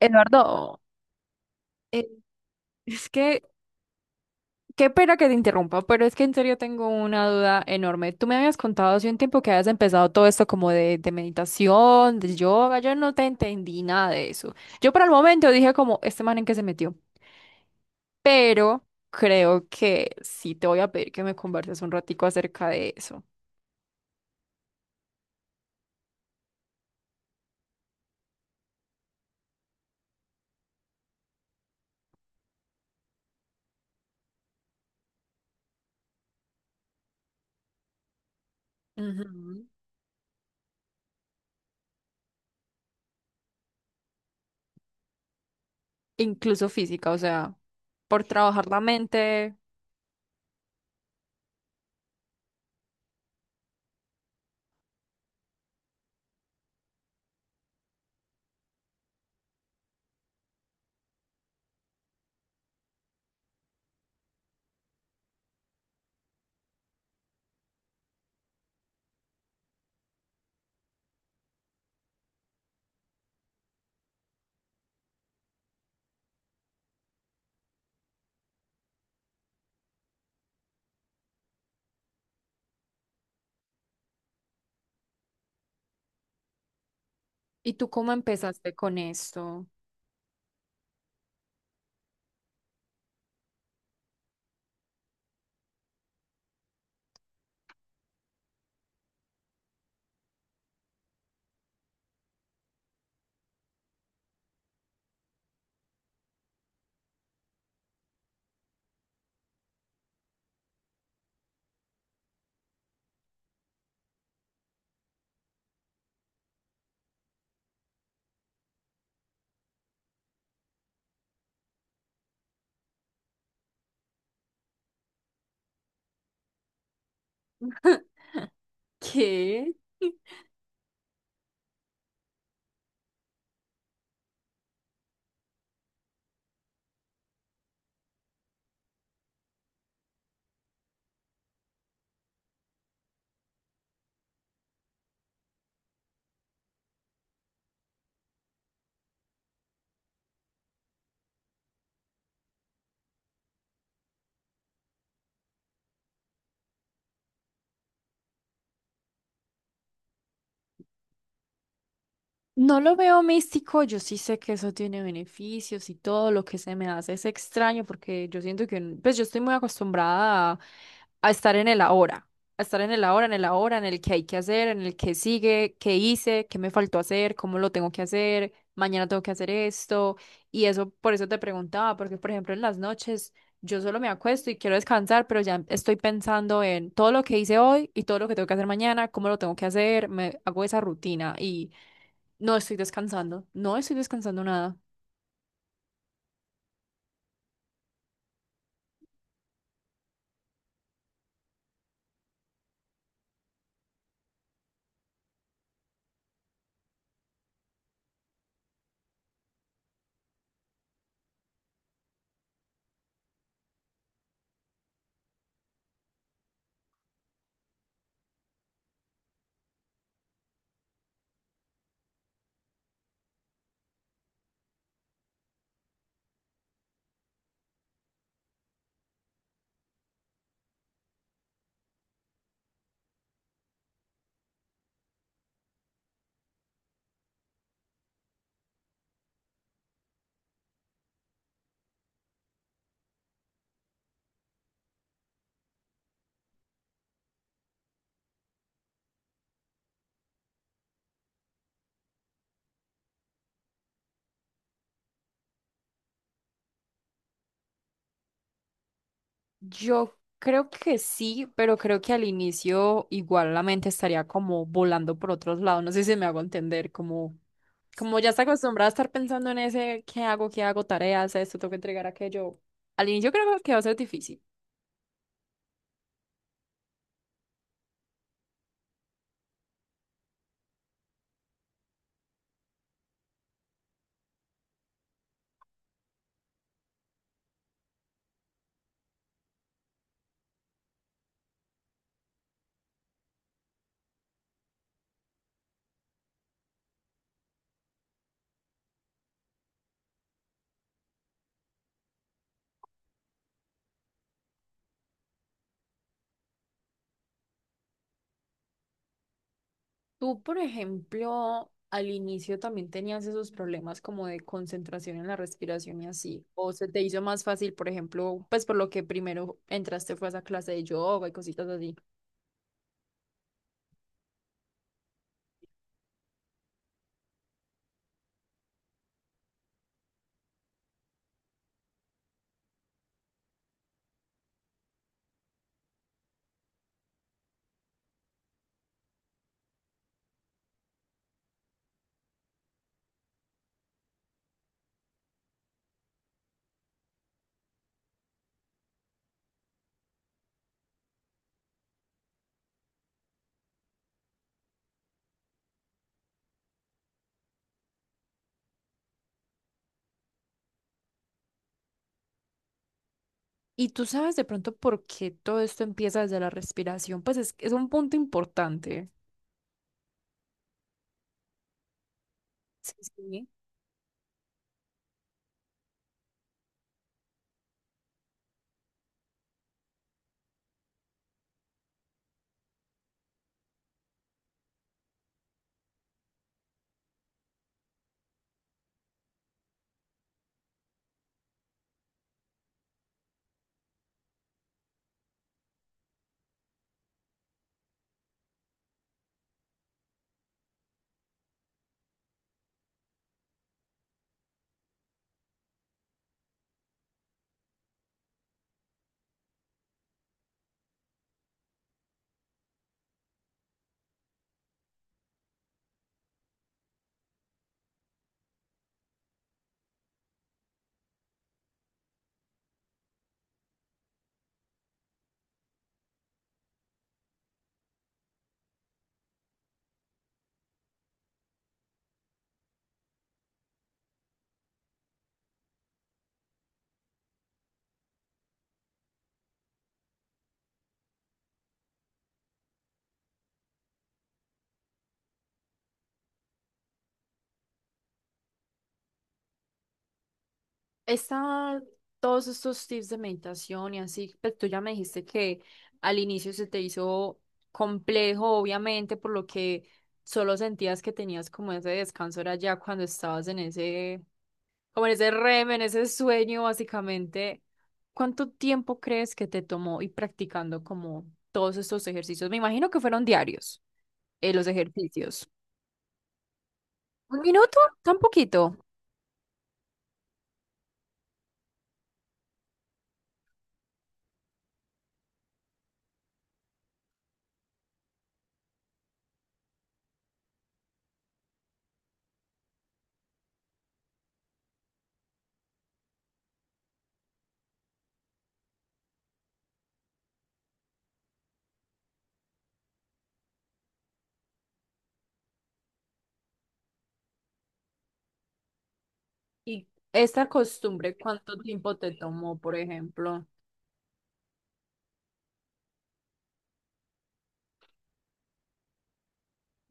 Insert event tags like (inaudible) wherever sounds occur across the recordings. Eduardo, eh, es que qué pena que te interrumpa, pero es que en serio tengo una duda enorme. Tú me habías contado hace un tiempo que habías empezado todo esto como de meditación, de yoga, yo no te entendí nada de eso. Yo por el momento dije como, este man en qué se metió, pero creo que sí te voy a pedir que me converses un ratico acerca de eso. Ujú. Incluso física, o sea, por trabajar la mente. ¿Y tú cómo empezaste con esto? (laughs) ¿Qué? No lo veo místico, yo sí sé que eso tiene beneficios y todo lo que se me hace es extraño porque yo siento que, pues yo estoy muy acostumbrada a estar en el ahora, a estar en el ahora, en el ahora, en el que hay que hacer, en el que sigue, qué hice, qué me faltó hacer, cómo lo tengo que hacer, mañana tengo que hacer esto y eso, por eso te preguntaba, porque por ejemplo en las noches yo solo me acuesto y quiero descansar, pero ya estoy pensando en todo lo que hice hoy y todo lo que tengo que hacer mañana, cómo lo tengo que hacer, me hago esa rutina y... No estoy descansando, no estoy descansando nada. Yo creo que sí, pero creo que al inicio igual la mente estaría como volando por otros lados. No sé si me hago entender, como, como ya está acostumbrada a estar pensando en ese, ¿qué hago? ¿Qué hago? Tareas, esto, tengo que entregar aquello. Al inicio creo que va a ser difícil. Tú, por ejemplo, al inicio también tenías esos problemas como de concentración en la respiración y así. O se te hizo más fácil, por ejemplo, pues por lo que primero entraste fue a esa clase de yoga y cositas así. Y tú sabes de pronto por qué todo esto empieza desde la respiración, pues es un punto importante. Sí, sí. Esta- Todos estos tips de meditación y así, pues tú ya me dijiste que al inicio se te hizo complejo, obviamente, por lo que solo sentías que tenías como ese descanso, era ya cuando estabas en ese, como en ese REM, en ese sueño, básicamente. ¿Cuánto tiempo crees que te tomó ir practicando como todos estos ejercicios? Me imagino que fueron diarios. Los ejercicios. ¿Un minuto? Tan poquito. ¿Y esta costumbre cuánto tiempo te tomó, por ejemplo?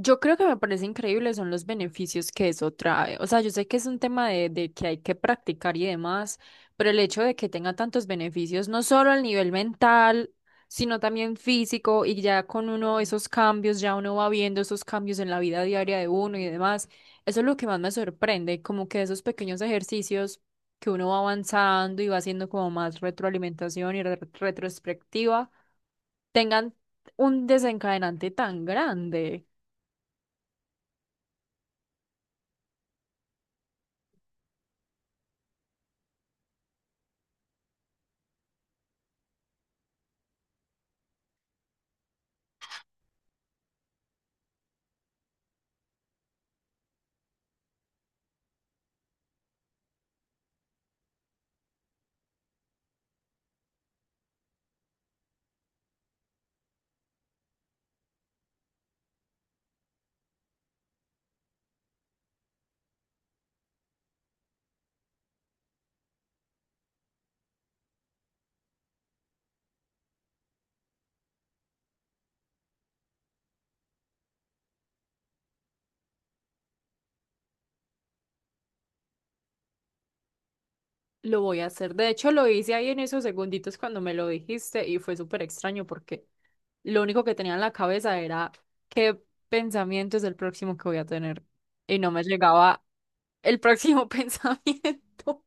Yo creo que me parece increíble son los beneficios que eso trae. O sea, yo sé que es un tema de que hay que practicar y demás, pero el hecho de que tenga tantos beneficios, no solo al nivel mental, sino también físico, y ya con uno esos cambios, ya uno va viendo esos cambios en la vida diaria de uno y demás, eso es lo que más me sorprende, como que esos pequeños ejercicios que uno va avanzando y va haciendo como más retroalimentación y retrospectiva, tengan un desencadenante tan grande. Lo voy a hacer. De hecho, lo hice ahí en esos segunditos cuando me lo dijiste y fue súper extraño porque lo único que tenía en la cabeza era qué pensamiento es el próximo que voy a tener. Y no me llegaba el próximo (laughs) pensamiento.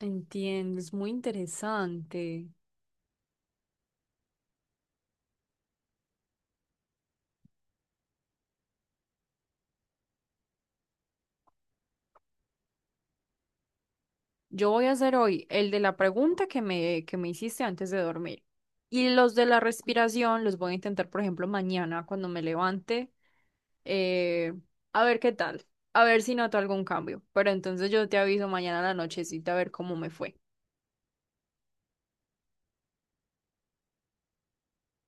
Entiendo, es muy interesante. Yo voy a hacer hoy el de la pregunta que me hiciste antes de dormir. Y los de la respiración los voy a intentar, por ejemplo, mañana cuando me levante. eh, a ver qué tal. A ver si noto algún cambio. Pero entonces yo te aviso mañana a la nochecita a ver cómo me fue.